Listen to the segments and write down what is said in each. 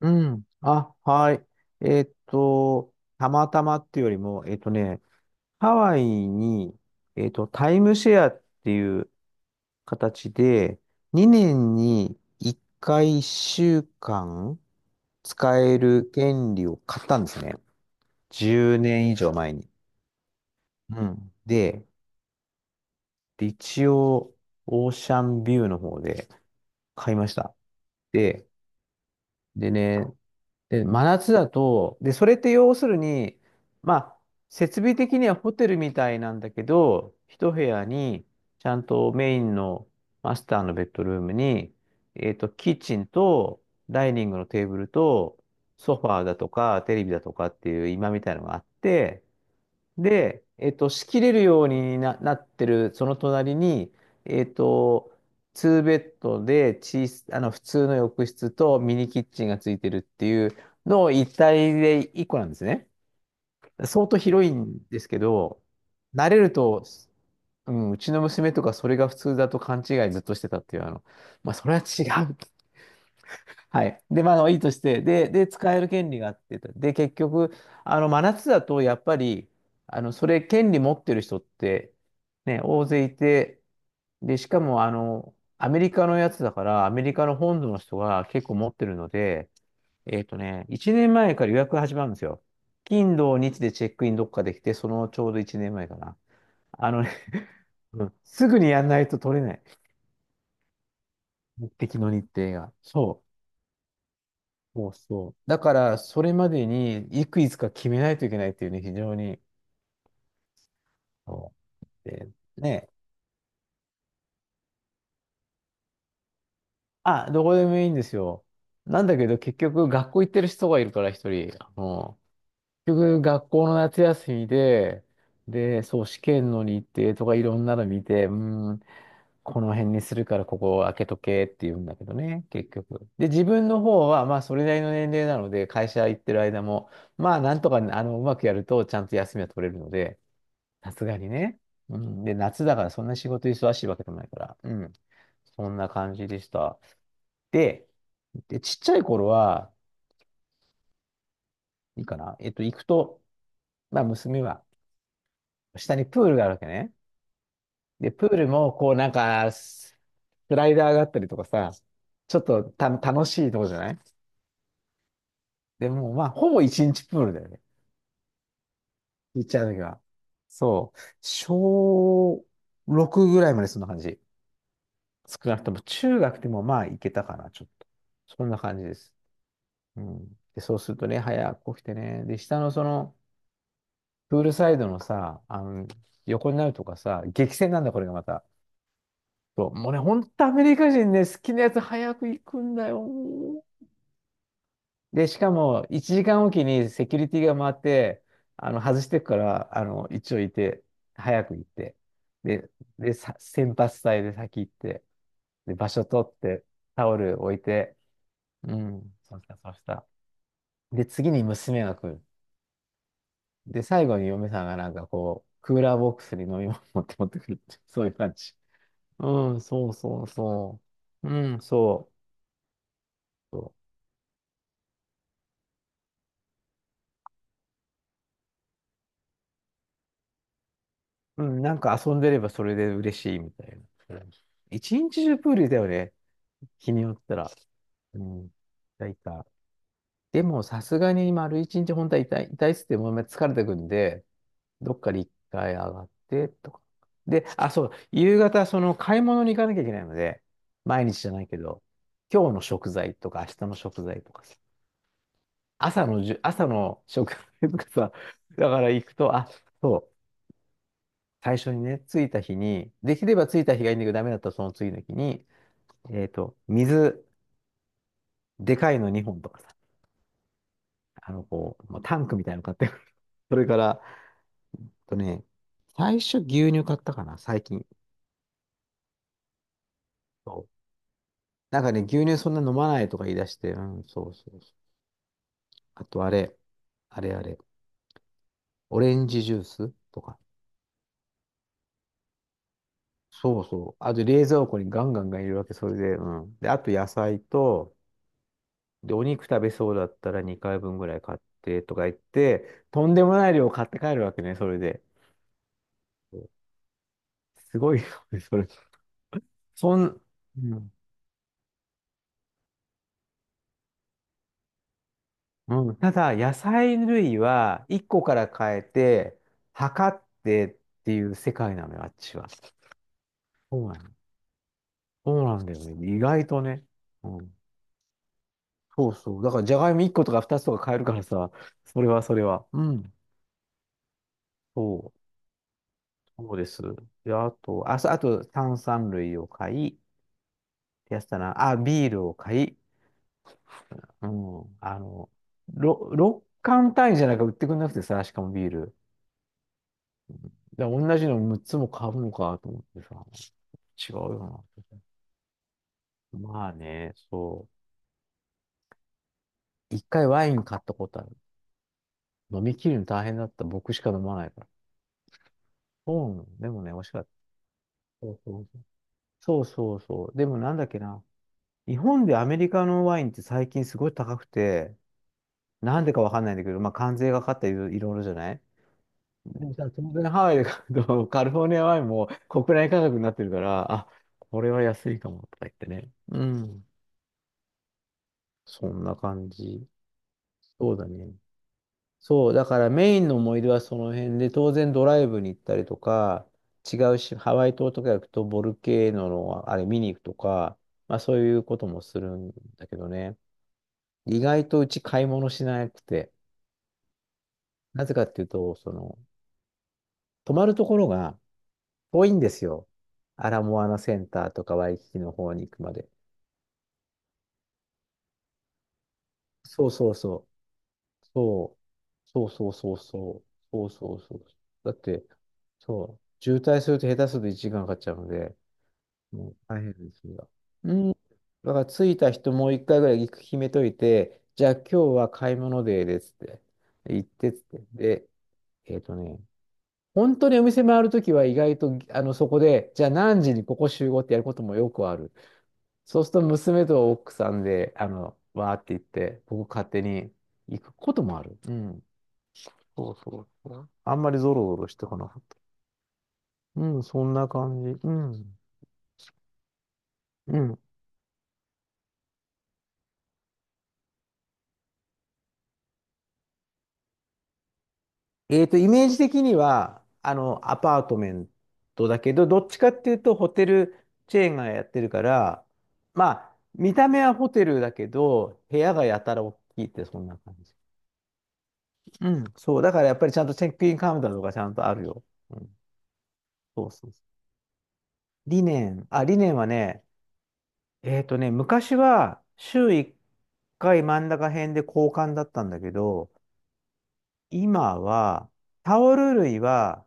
うん。あ、はい。たまたまっていうよりも、ハワイに、タイムシェアっていう形で、2年に1回1週間使える権利を買ったんですね。10年以上前に。うん。で、一応、オーシャンビューの方で買いました。で、でね、で、真夏だと、で、それって要するに、まあ、設備的にはホテルみたいなんだけど、一部屋に、ちゃんとメインのマスターのベッドルームに、キッチンと、ダイニングのテーブルと、ソファーだとか、テレビだとかっていう今みたいのがあって、で、仕切れるようになってる、その隣に、えっと、2ベッドであの、普通の浴室とミニキッチンがついてるっていうのを一体で一個なんですね。相当広いんですけど、慣れると、うん、うちの娘とかそれが普通だと勘違いずっとしてたっていう、あの、まあ、それは違う。はい。で、まあ、あのいいとして、で、使える権利があって、で、結局、あの、真夏だと、やっぱり、あの、それ、権利持ってる人って、ね、大勢いて、で、しかも、あの、アメリカのやつだから、アメリカの本土の人が結構持ってるので、1年前から予約が始まるんですよ。金、土、日でチェックインどっかできて、そのちょうど1年前かな。あのね、うんすぐにやんないと取れない。目的の日程が。そう。そうそう。だから、それまでに、いつか決めないといけないっていうね、非常に。そうで、ね。あ、どこでもいいんですよ。なんだけど、結局、学校行ってる人がいるから、一人。あの結局、学校の夏休みで、で、そう、試験の日程とかいろんなの見て、うーん、この辺にするからここを開けとけって言うんだけどね、結局。で、自分の方は、まあ、それなりの年齢なので、会社行ってる間も、まあ、なんとか、あの、うまくやると、ちゃんと休みは取れるので、さすがにね。うん。で、夏だから、そんな仕事忙しいわけでもないから、うん。そんな感じでした。で、ちっちゃい頃は、いいかな。行くと、まあ、娘は、下にプールがあるわけね。で、プールも、こう、なんか、スライダーがあったりとかさ、ちょっとた、楽しいとこじゃない。でも、まあ、ほぼ一日プールだよね。行っちゃうときは。そう。小6ぐらいまでそんな感じ。少なくとも、中学でもまあ、行けたかな、ちょっと。そんな感じです。うん。で、そうするとね、早く起きてね。で、下のその、プールサイドのさ、あの、横になるとかさ、激戦なんだ、これがまた。そう、もうね、ほんとアメリカ人ね、好きなやつ早く行くんだよ。で、しかも、1時間おきにセキュリティが回って、あの、外してくから、あの、一応いて、早く行って、で、先発隊で先行って、で、場所取って、タオル置いて、うん、そうした。で、次に娘が来る。で、最後に嫁さんがなんかこう、クーラーボックスに飲み物持ってくるって、そういう感じ。うん、そうそうそう。うん、そう。そううん、なんか遊んでればそれで嬉しいみたいな。うん、一日中プールだよね。日によったら。うん。痛いた。でもさすがに丸一日本当は痛いっつってもう疲れてくんで、どっかで一回上がってとか。で、あ、そう、夕方その買い物に行かなきゃいけないので、毎日じゃないけど、今日の食材とか明日の食材とかさ、朝の食材とかさ、だから行くと、あ、そう、最初にね、着いた日に、できれば着いた日がいいんだけど、ダメだったらその次の日に、えっと、水、でかいの2本とかさ、あの、こう、まあ、タンクみたいなの買ってくる。それから、あとね、最初牛乳買ったかな、最近。そう、なんかね、牛乳そんな飲まないとか言い出して、うん、そうそうそう。あとあれ、あれ、オレンジジュースとか。そうそう。あと冷蔵庫にガンガンガン入れるわけ、それで、うん。で、あと野菜と、で、お肉食べそうだったら2回分ぐらい買ってとか言って、とんでもない量買って帰るわけね、それで。すごいよね、それ。そん、うん、うん、ただ、野菜類は1個から変えて、測ってっていう世界なのよ、あっちは。そうなの。そうなんだよね。意外とね。うん。そうそう。だから、じゃがいも1個とか2つとか買えるからさ、それはそれは。うん。そう。そうです。で、あと、あ、そうあと、炭酸類を買い、やつだな。あ、ビールを買い、うん、あの、6缶単位じゃなく売ってくんなくてさ、しかもビール。だから同じの6つも買うのかと思ってさ、違うよな。まあね、そう。一回ワイン買ったことある。飲み切るの大変だった。僕しか飲まないから。そうなの。でもね、美味しかった。そうそうそう。そうそうそう。でもなんだっけな。日本でアメリカのワインって最近すごい高くて、なんでかわかんないんだけど、まあ関税がかかったりいろいろじゃない。でさ、当然ハワイで買うと、カリフォルニアワインも国内価格になってるから、あ、これは安いかもとか言ってね。うん。そんな感じ。そうだね。そう、だからメインの思い出はその辺で、当然ドライブに行ったりとか、違うし、ハワイ島とか行くとボルケーノのあれ見に行くとか、まあそういうこともするんだけどね。意外とうち買い物しなくて、なぜかっていうと、その、泊まるところが、遠いんですよ。アラモアナセンターとかワイキキの方に行くまで。そうそうそう。そう。そうそうそうそう。そうそうそう。だって、そう。渋滞すると下手すると1時間かんかかっちゃうので、もう大変ですが。うん。だから着いた人もう一回ぐらい決めといて、じゃあ今日は買い物デーですって。行ってっつって。で、えっとね、本当にお店回るときは意外と、あの、そこで、じゃあ何時にここ集合ってやることもよくある。そうすると娘と奥さんで、あの、わーって言って、僕勝手に行くこともある。うん。そうそうそう。あんまりゾロゾロしてこなかった。うん、そんな感じ。うん。うん。イメージ的には、アパートメントだけど、どっちかっていうと、ホテルチェーンがやってるから、まあ、見た目はホテルだけど、部屋がやたら大きいって、そんな感じ。うん。そう、だからやっぱりちゃんとチェックインカウンターとかちゃんとあるよ。うん。そうそうそう。理念はね、昔は週1回真ん中辺で交換だったんだけど、今はタオル類は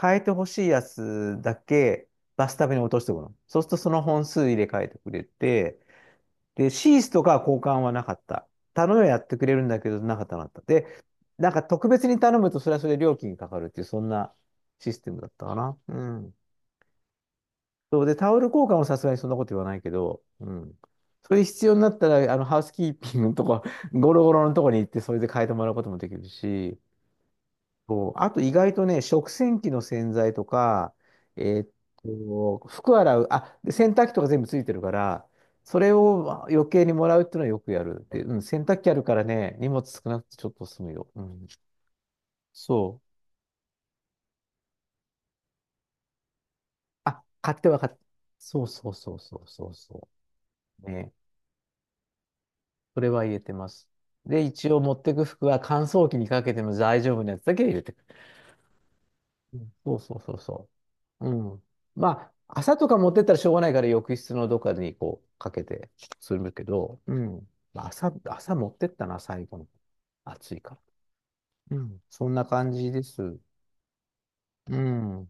変えてほしいやつだけバスタブに落としておくの。そうするとその本数入れ替えてくれて、で、シースとかは交換はなかった。頼みはやってくれるんだけど、なかった。で、なんか特別に頼むとそれはそれで料金かかるっていう、そんなシステムだったかな。うん。そうで、タオル交換もさすがにそんなこと言わないけど、うん。それ必要になったら、ハウスキーピングのとこ、ゴロゴロのとこに行って、それで変えてもらうこともできるし、そう。あと意外とね、食洗機の洗剤とか、えーっ服洗う、あ、で洗濯機とか全部ついてるから、それを余計にもらうっていうのはよくやる。で、うん、洗濯機あるからね、荷物少なくてちょっと済むよ。うん。そう。あ、買って。そうそうそうそうそうそう。ね。それは入れてます。で、一応持ってく服は乾燥機にかけても大丈夫なやつだけ入れてくる。うん、そうそうそうそう。うん。まあ、朝とか持ってったらしょうがないから浴室のどっかにこうかけてするけど、うん。まあ、朝持ってったな、最後の。暑いから。うん。そんな感じです。うん。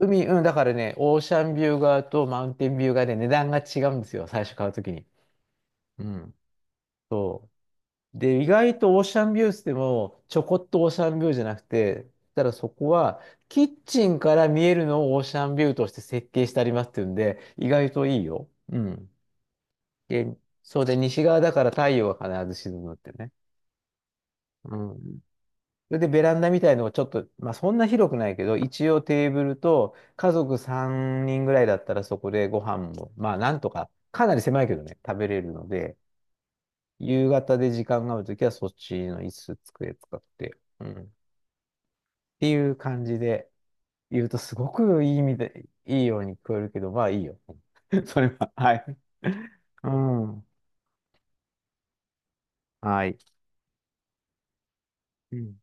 海、うん、だからね、オーシャンビュー側とマウンテンビュー側で値段が違うんですよ、最初買うときに。うん。で、意外とオーシャンビューっでも、ちょこっとオーシャンビューじゃなくて、ただそこは、キッチンから見えるのをオーシャンビューとして設計してありますっていうんで、意外といいよ。うん。で、そうで、西側だから太陽が必ず沈むってね。うん。それでベランダみたいのをちょっと、まあそんな広くないけど、一応テーブルと家族3人ぐらいだったらそこでご飯も、まあなんとか、かなり狭いけどね、食べれるので、夕方で時間があるときはそっちの椅子、机使って、うん。っていう感じで言うと、すごくいい意味で、いいように聞こえるけど、まあいいよ。それは、はい。うん。はい。うん。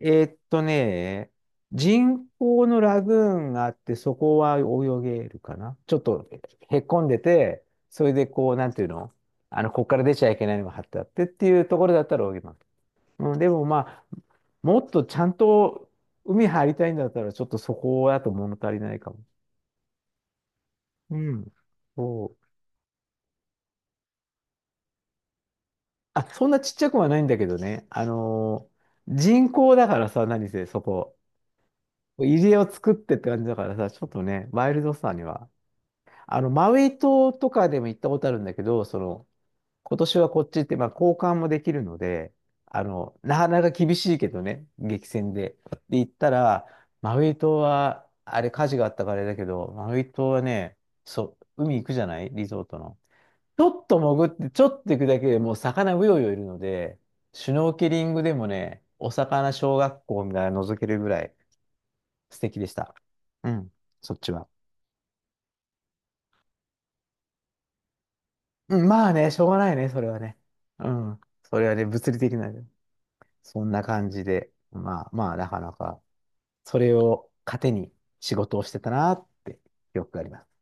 えーっとね、人工のラグーンがあって、そこは泳げるかな。ちょっとへこんでて、それでこう、なんていうの、ここから出ちゃいけないのが貼ってあってっていうところだったら泳げます。うん、でもまあ、もっとちゃんと海入りたいんだったら、ちょっとそこだと物足りないかも。うん。そう。あ、そんなちっちゃくはないんだけどね。人工だからさ、何せそこ。入り江を作ってって感じだからさ、ちょっとね、ワイルドさには。マウイ島とかでも行ったことあるんだけど、その、今年はこっちって、まあ、交換もできるので、なかなか厳しいけどね、激戦で。で、行ったら、マウイ島は、あれ火事があったからあれだけど、マウイ島はね、そう、海行くじゃないリゾートの。ちょっと潜って、ちょっと行くだけでもう魚うようよいるので、シュノーケリングでもね、お魚小学校みたいなの覗けるぐらい素敵でした。うん、そっちは。うん、まあね、しょうがないね、それはね。うん、それはね、物理的なね。そんな感じで、まあまあ、なかなか、それを糧に仕事をしてたなって記憶があります。